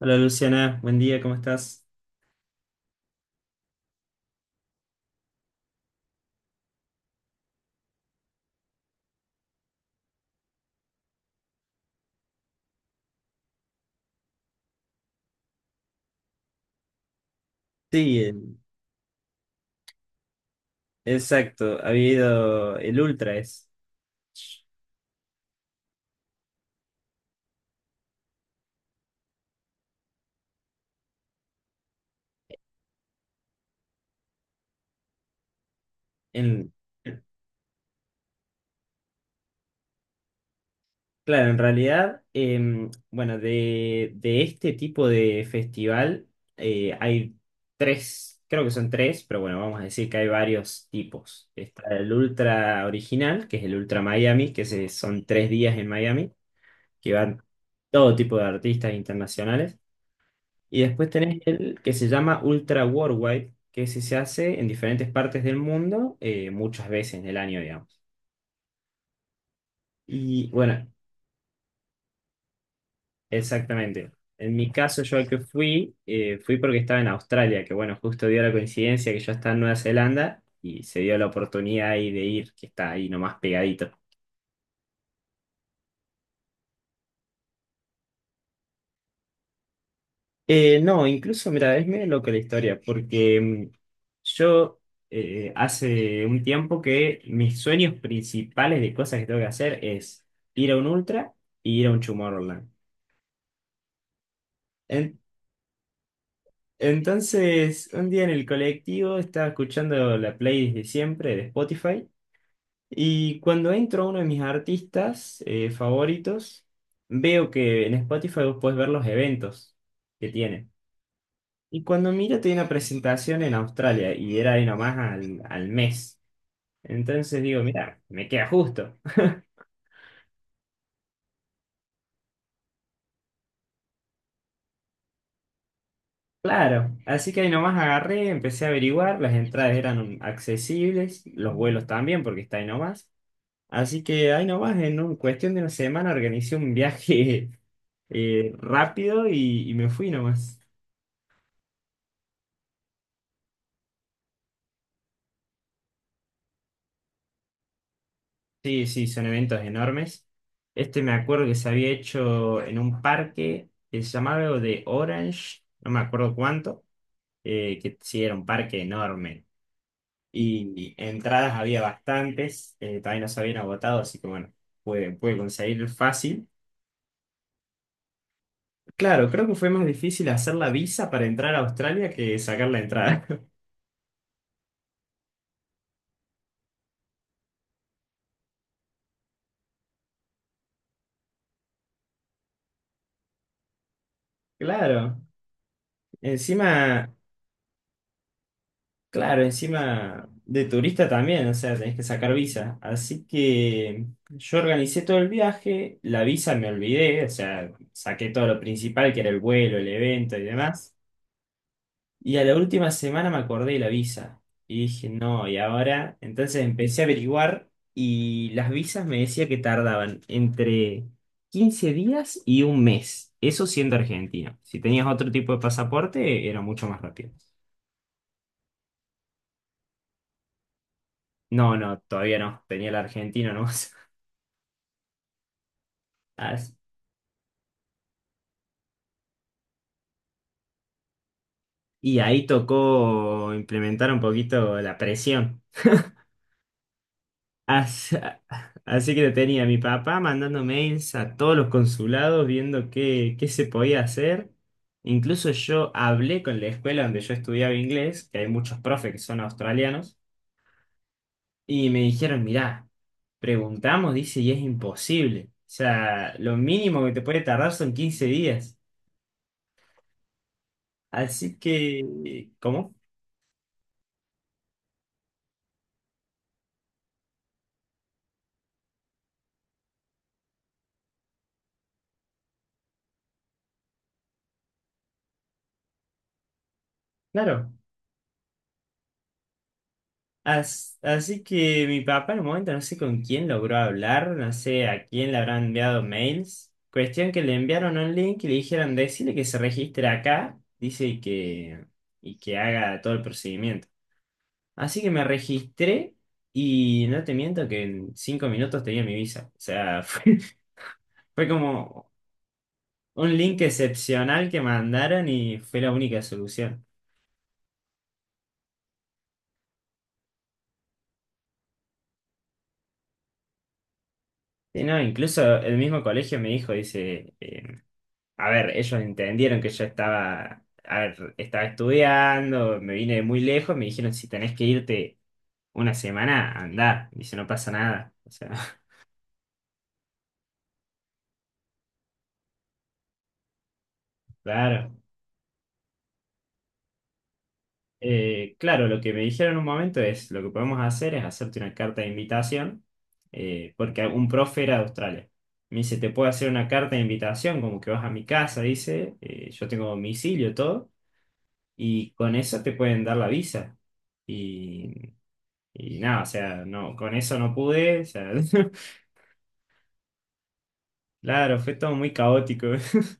Hola Luciana, buen día, ¿cómo estás? Sí, exacto, ha habido el Ultra es. En, claro, en realidad, bueno, de este tipo de festival, hay tres, creo que son tres, pero bueno, vamos a decir que hay varios tipos. Está el Ultra original, que es el Ultra Miami, que son 3 días en Miami, que van todo tipo de artistas internacionales. Y después tenés el que se llama Ultra Worldwide, que ese se hace en diferentes partes del mundo, muchas veces en el año, digamos. Y bueno, exactamente. En mi caso, yo al que fui, fui porque estaba en Australia, que bueno, justo dio la coincidencia que yo estaba en Nueva Zelanda y se dio la oportunidad ahí de ir, que está ahí nomás pegadito. No, incluso, mira, es medio loca la historia, porque yo hace un tiempo que mis sueños principales de cosas que tengo que hacer es ir a un Ultra y ir a un Tomorrowland. En- entonces, un día en el colectivo estaba escuchando la playlist de siempre de Spotify y cuando entro a uno de mis artistas favoritos, veo que en Spotify vos podés ver los eventos que tiene. Y cuando mira, tenía una presentación en Australia y era ahí nomás al mes. Entonces digo, mira, me queda justo. Claro, así que ahí nomás agarré, empecé a averiguar, las entradas eran accesibles, los vuelos también, porque está ahí nomás. Así que ahí nomás, en cuestión de una semana, organicé un viaje rápido y me fui nomás. Sí, sí, son eventos enormes. Este me acuerdo que se había hecho en un parque que se llamaba algo de Orange, no me acuerdo cuánto. Que sí era un parque enorme. Y entradas había bastantes, también las habían agotado, así que bueno, pude conseguir fácil. Claro, creo que fue más difícil hacer la visa para entrar a Australia que sacar la entrada. Claro, encima, claro, encima de turista también, o sea, tenés que sacar visa. Así que yo organicé todo el viaje, la visa me olvidé, o sea, saqué todo lo principal, que era el vuelo, el evento y demás. Y a la última semana me acordé de la visa. Y dije, no, ¿y ahora? Entonces empecé a averiguar y las visas me decía que tardaban entre 15 días y un mes. Eso siendo argentino. Si tenías otro tipo de pasaporte, era mucho más rápido. No, no, todavía no. Tenía el argentino nomás. As- Y ahí tocó implementar un poquito la presión. Así, así que lo tenía mi papá mandando mails a todos los consulados viendo qué se podía hacer. Incluso yo hablé con la escuela donde yo estudiaba inglés, que hay muchos profes que son australianos, y me dijeron, mirá, preguntamos, dice, y es imposible. O sea, lo mínimo que te puede tardar son 15 días. Así que, ¿cómo? Claro, así que mi papá en un momento no sé con quién logró hablar, no sé a quién le habrán enviado mails. Cuestión que le enviaron un link y le dijeron decirle que se registre acá, dice y que haga todo el procedimiento. Así que me registré y no te miento que en 5 minutos tenía mi visa. O sea, fue como un link excepcional que mandaron y fue la única solución. Sí, no, incluso el mismo colegio me dijo, dice, a ver, ellos entendieron que yo estaba, a ver, estaba estudiando, me vine de muy lejos, me dijeron, si tenés que irte una semana, andá. Dice, no pasa nada. O sea, claro. Claro, lo que me dijeron en un momento es, lo que podemos hacer es hacerte una carta de invitación, porque un profe era de Australia. Me dice, te puedo hacer una carta de invitación, como que vas a mi casa, dice, yo tengo domicilio, todo, y con eso te pueden dar la visa. Y nada, o sea, no, con eso no pude, o sea, claro, fue todo muy caótico.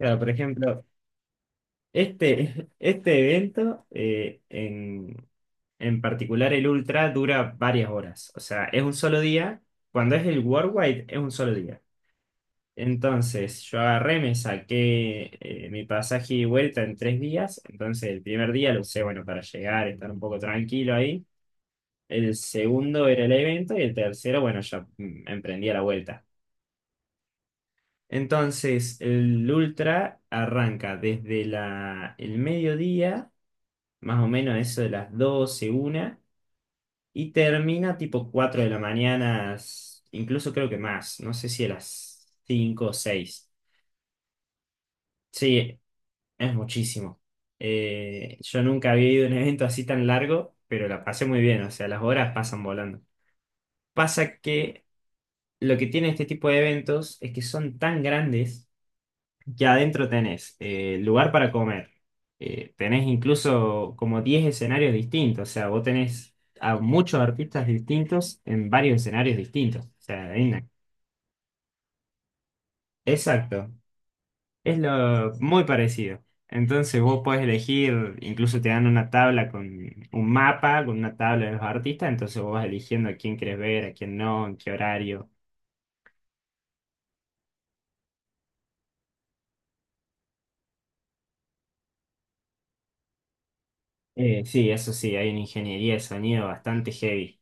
O sea, por ejemplo, este evento en particular el Ultra dura varias horas, o sea, es un solo día, cuando es el Worldwide es un solo día. Entonces, yo agarré, me saqué mi pasaje y vuelta en 3 días, entonces el primer día lo usé, bueno, para llegar, estar un poco tranquilo ahí. El segundo era el evento y el tercero, bueno, ya emprendí a la vuelta. Entonces, el ultra arranca desde el mediodía, más o menos eso de las 12 una y termina tipo 4 de la mañana, incluso creo que más, no sé si a las 5 o 6. Sí, es muchísimo. Yo nunca había ido a un evento así tan largo, pero la pasé muy bien, o sea, las horas pasan volando. Pasa que lo que tiene este tipo de eventos es que son tan grandes. Ya adentro tenés lugar para comer. Tenés incluso como 10 escenarios distintos. O sea, vos tenés a muchos artistas distintos en varios escenarios distintos. O sea, hay una- Exacto. Es lo muy parecido. Entonces vos podés elegir, incluso te dan una tabla con un mapa, con una tabla de los artistas, entonces vos vas eligiendo a quién querés ver, a quién no, en qué horario. Sí, eso sí, hay una ingeniería de sonido bastante heavy.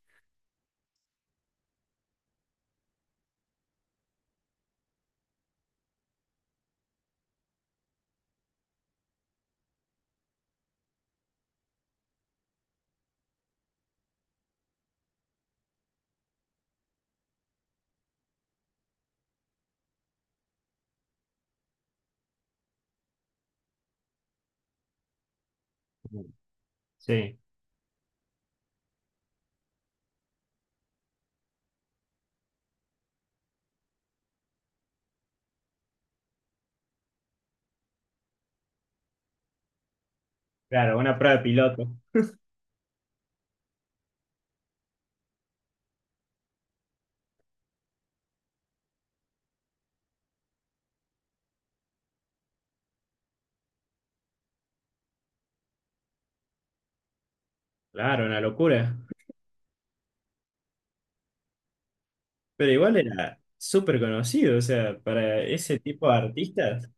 Sí, claro, una prueba de piloto. Claro, una locura. Pero igual era súper conocido, o sea, para ese tipo de artistas.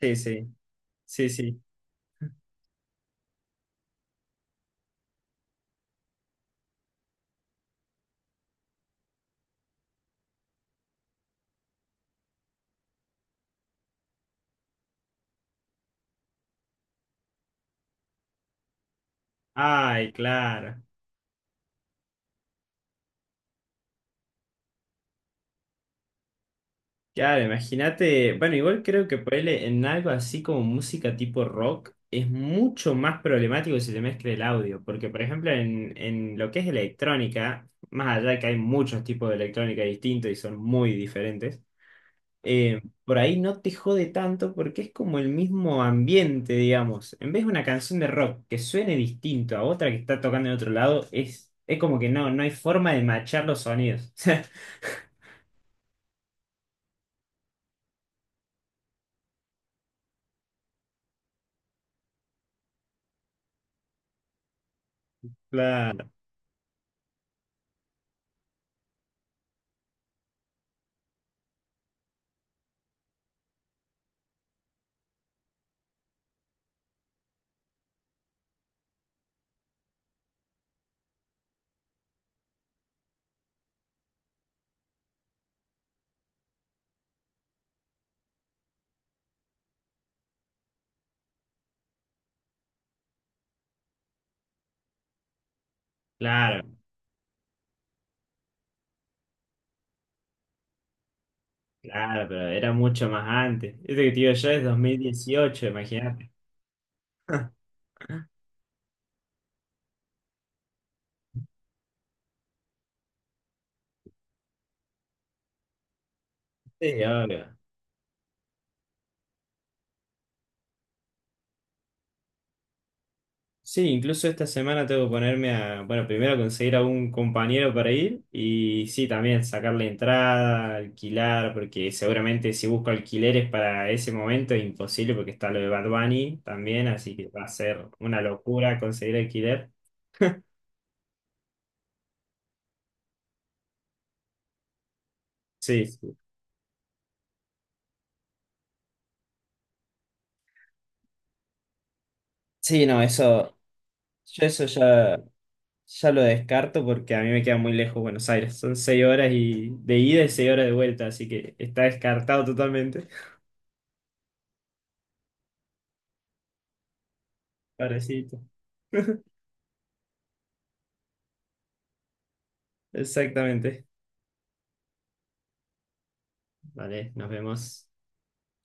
Sí, sí, sí, sí. Ay, claro. Claro, imagínate. Bueno, igual creo que ponerle en algo así como música tipo rock es mucho más problemático si se mezcla el audio. Porque, por ejemplo, en lo que es electrónica, más allá de que hay muchos tipos de electrónica distintos y son muy diferentes. Por ahí no te jode tanto porque es como el mismo ambiente, digamos. En vez de una canción de rock que suene distinto a otra que está tocando en otro lado, es como que no, no hay forma de machar los sonidos. Claro, claro, claro, pero era mucho más antes. Este que te digo yo es 2018, imagínate. Sí, obvio. Sí, incluso esta semana tengo que ponerme a, bueno, primero conseguir a un compañero para ir y sí, también sacar la entrada, alquilar, porque seguramente si busco alquileres para ese momento es imposible porque está lo de Bad Bunny también, así que va a ser una locura conseguir alquiler. Sí, sí. Sí, no, eso, yo eso ya lo descarto porque a mí me queda muy lejos Buenos Aires. Son 6 horas y, de ida y 6 horas de vuelta, así que está descartado totalmente. Parecito. Exactamente. Vale, nos vemos.